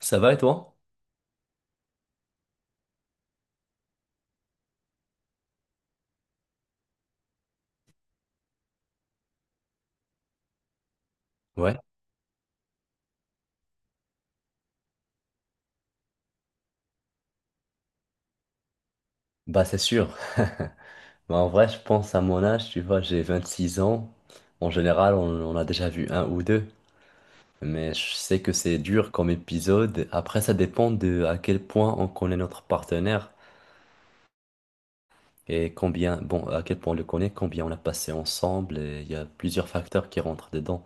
Ça va et toi? Ouais, bah c'est sûr. Bah, en vrai, je pense à mon âge, tu vois, j'ai 26 ans. En général, on a déjà vu un ou deux. Mais je sais que c'est dur comme épisode. Après, ça dépend de à quel point on connaît notre partenaire et combien, bon, à quel point on le connaît, combien on a passé ensemble. Et il y a plusieurs facteurs qui rentrent dedans.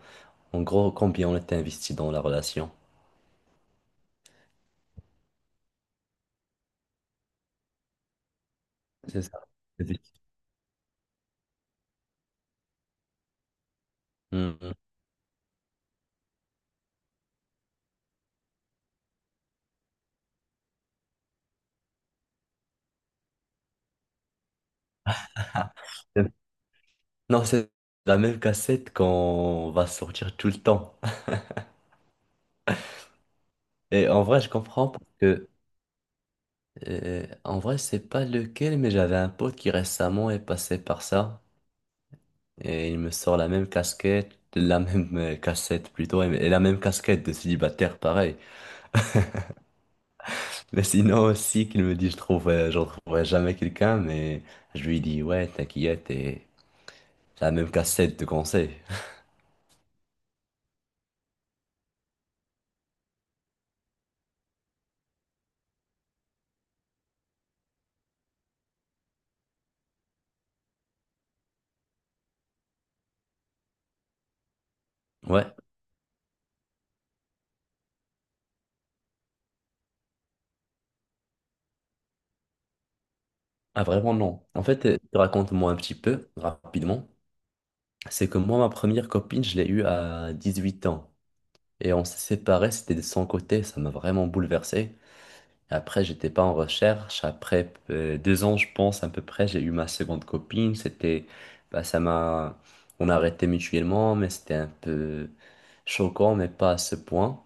En gros, combien on était investi dans la relation. C'est ça. Mhm. Non, c'est la même cassette qu'on va sortir tout le temps. Et en vrai, je comprends parce que, en vrai, c'est pas lequel, mais j'avais un pote qui récemment est passé par ça. Et il me sort la même casquette, la même cassette plutôt, et la même casquette de célibataire, pareil. Mais sinon aussi, qu'il me dit, je trouve, j'en trouverai jamais quelqu'un, mais je lui dis, ouais, t'inquiète, et la même cassette de conseil. Ouais, ah, vraiment non. En fait, raconte-moi un petit peu, rapidement. C'est que moi, ma première copine, je l'ai eue à 18 ans. Et on s'est séparés, c'était de son côté, ça m'a vraiment bouleversé. Après, j'étais pas en recherche. Après 2 ans, je pense, à peu près, j'ai eu ma seconde copine. C'était, bah, ça m'a, on a arrêté mutuellement, mais c'était un peu choquant, mais pas à ce point.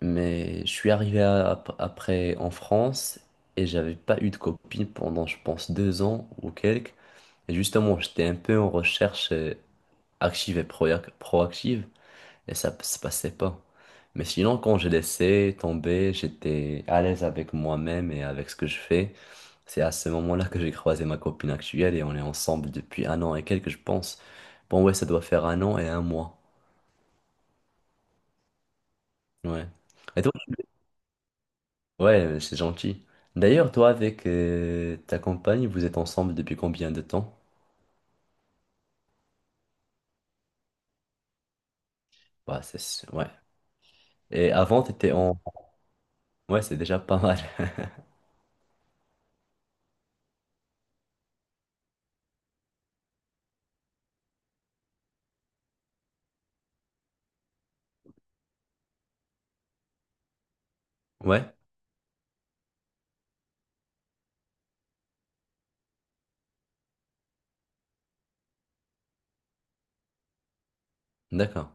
Mais je suis arrivé après en France et j'avais pas eu de copine pendant, je pense, 2 ans ou quelques. Et justement, j'étais un peu en recherche active et proactive et ça se passait pas. Mais sinon, quand j'ai laissé tomber, j'étais à l'aise avec moi-même et avec ce que je fais. C'est à ce moment-là que j'ai croisé ma copine actuelle et on est ensemble depuis un an et quelques, je pense. Bon, ouais, ça doit faire un an et un mois. Ouais. Et toi, ouais, c'est gentil. D'ailleurs, toi, avec ta compagne, vous êtes ensemble depuis combien de temps? Bah, c'est, sûr, ouais. Et avant, t'étais en... Ouais, c'est déjà pas mal. Ouais, d'accord.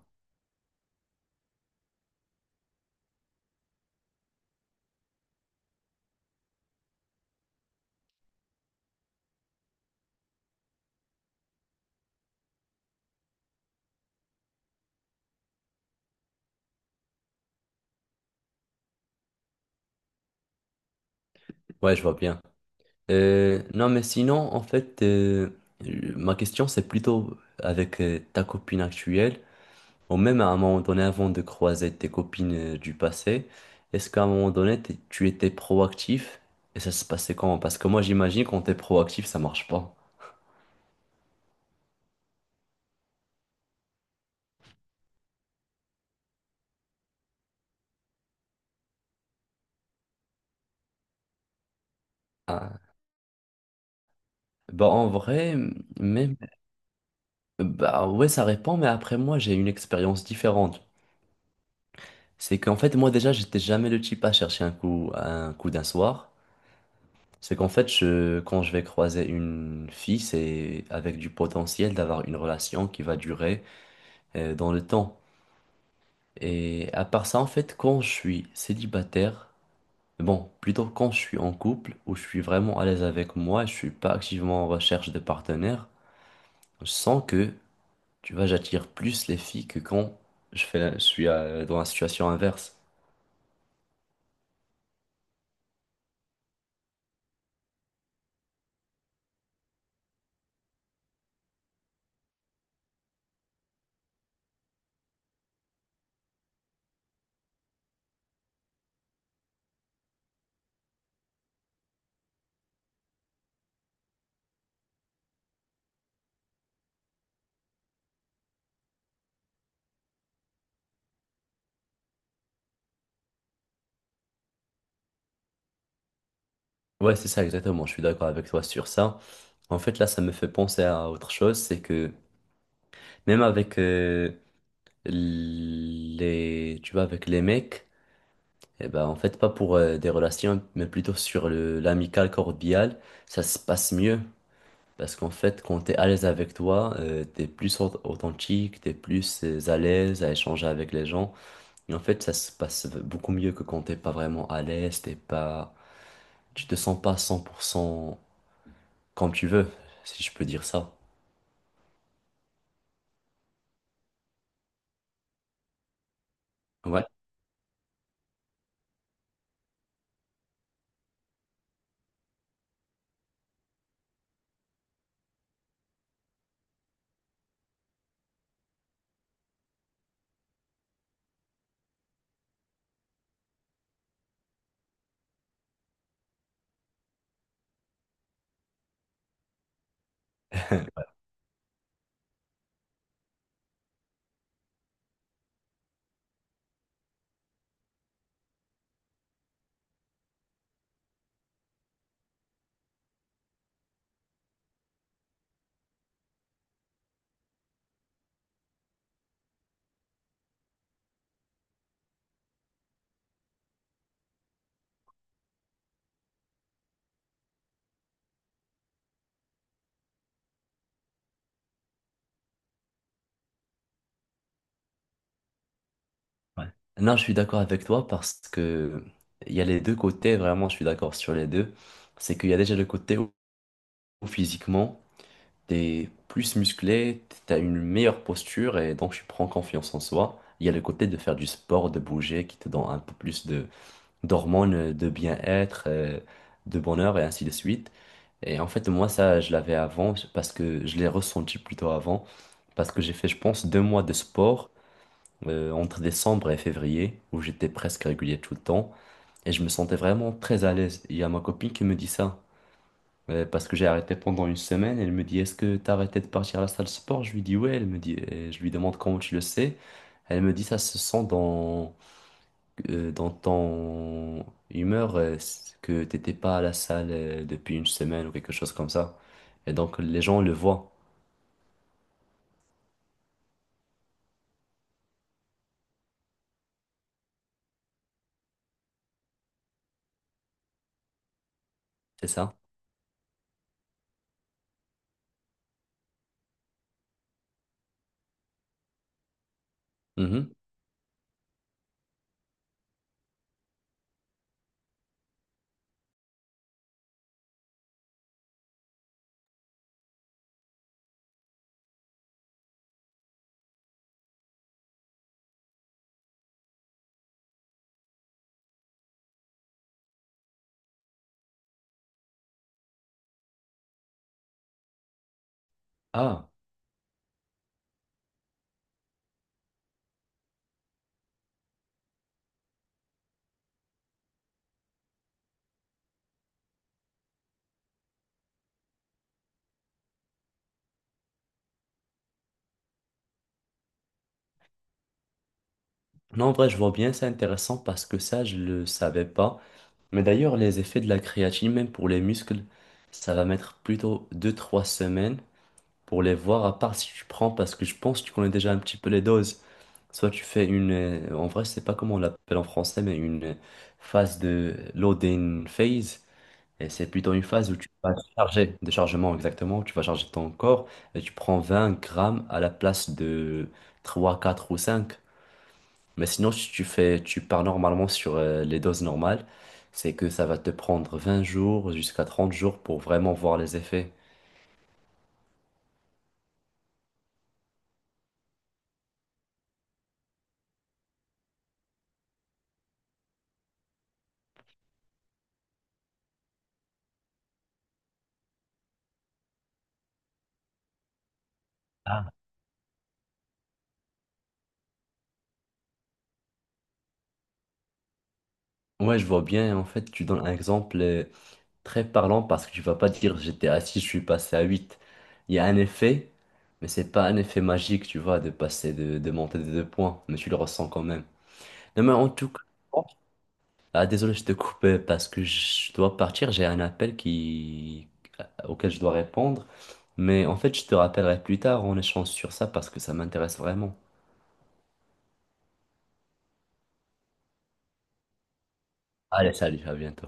Ouais, je vois bien. Non, mais sinon, en fait, ma question, c'est plutôt avec ta copine actuelle, ou même à un moment donné, avant de croiser tes copines du passé, est-ce qu'à un moment donné, tu étais proactif? Et ça se passait comment? Parce que moi, j'imagine, quand t'es proactif, ça marche pas. Ah, bah, en vrai, même, bah, ouais, ça répond, mais après, moi, j'ai une expérience différente. C'est qu'en fait, moi, déjà, j'étais jamais le type à chercher un coup d'un soir. C'est qu'en fait, quand je vais croiser une fille, c'est avec du potentiel d'avoir une relation qui va durer dans le temps. Et à part ça, en fait, quand je suis célibataire, bon, plutôt quand je suis en couple, où je suis vraiment à l'aise avec moi, je suis pas activement en recherche de partenaire, je sens que, tu vois, j'attire plus les filles que quand je suis dans la situation inverse. Ouais, c'est ça exactement, je suis d'accord avec toi sur ça. En fait, là, ça me fait penser à autre chose, c'est que même avec... les, tu vois, avec les mecs, eh ben, en fait, pas pour des relations, mais plutôt sur l'amical cordial ça se passe mieux. Parce qu'en fait, quand t'es à l'aise avec toi, t'es plus authentique, t'es plus à l'aise à échanger avec les gens. Et en fait, ça se passe beaucoup mieux que quand t'es pas vraiment à l'aise, t'es pas, tu te sens pas 100% comme tu veux, si je peux dire ça. Ouais. Ouais. Non, je suis d'accord avec toi parce que il y a les deux côtés, vraiment, je suis d'accord sur les deux. C'est qu'il y a déjà le côté où physiquement, t'es plus musclé, t'as une meilleure posture et donc tu prends confiance en soi. Il y a le côté de faire du sport, de bouger, qui te donne un peu plus de d'hormones, de bien-être, de bonheur et ainsi de suite. Et en fait, moi, ça, je l'avais avant parce que je l'ai ressenti plutôt avant parce que j'ai fait, je pense, 2 mois de sport entre décembre et février, où j'étais presque régulier tout le temps, et je me sentais vraiment très à l'aise. Il y a ma copine qui me dit ça, parce que j'ai arrêté pendant une semaine, elle me dit, est-ce que t'as arrêté de partir à la salle de sport? Je lui dis, ouais, elle me dit, et je lui demande comment tu le sais. Elle me dit, ça se sent dans, dans ton humeur que t'étais pas à la salle depuis une semaine ou quelque chose comme ça. Et donc, les gens le voient, c'est ça? Mhm. Ah, non, en vrai, je vois bien, c'est intéressant parce que ça, je le savais pas. Mais d'ailleurs, les effets de la créatine, même pour les muscles, ça va mettre plutôt deux-trois semaines pour les voir, à part si tu prends, parce que je pense que tu connais déjà un petit peu les doses. Soit tu fais une, en vrai, je sais pas comment on l'appelle en français, mais une phase de loading phase. Et c'est plutôt une phase où tu vas charger, de chargement exactement, où tu vas charger ton corps et tu prends 20 grammes à la place de 3, 4 ou 5. Mais sinon, si tu fais, tu pars normalement sur les doses normales, c'est que ça va te prendre 20 jours jusqu'à 30 jours pour vraiment voir les effets. Ouais, je vois bien. En fait, tu donnes un exemple très parlant parce que tu vas pas dire j'étais à 6 je suis passé à huit. Il y a un effet, mais c'est pas un effet magique, tu vois, de passer de monter de deux points, mais tu le ressens quand même. Non, mais en tout cas, ah, désolé, je te coupe parce que je dois partir, j'ai un appel qui... auquel je dois répondre. Mais en fait, je te rappellerai plus tard, on échange sur ça parce que ça m'intéresse vraiment. Allez, salut, à bientôt.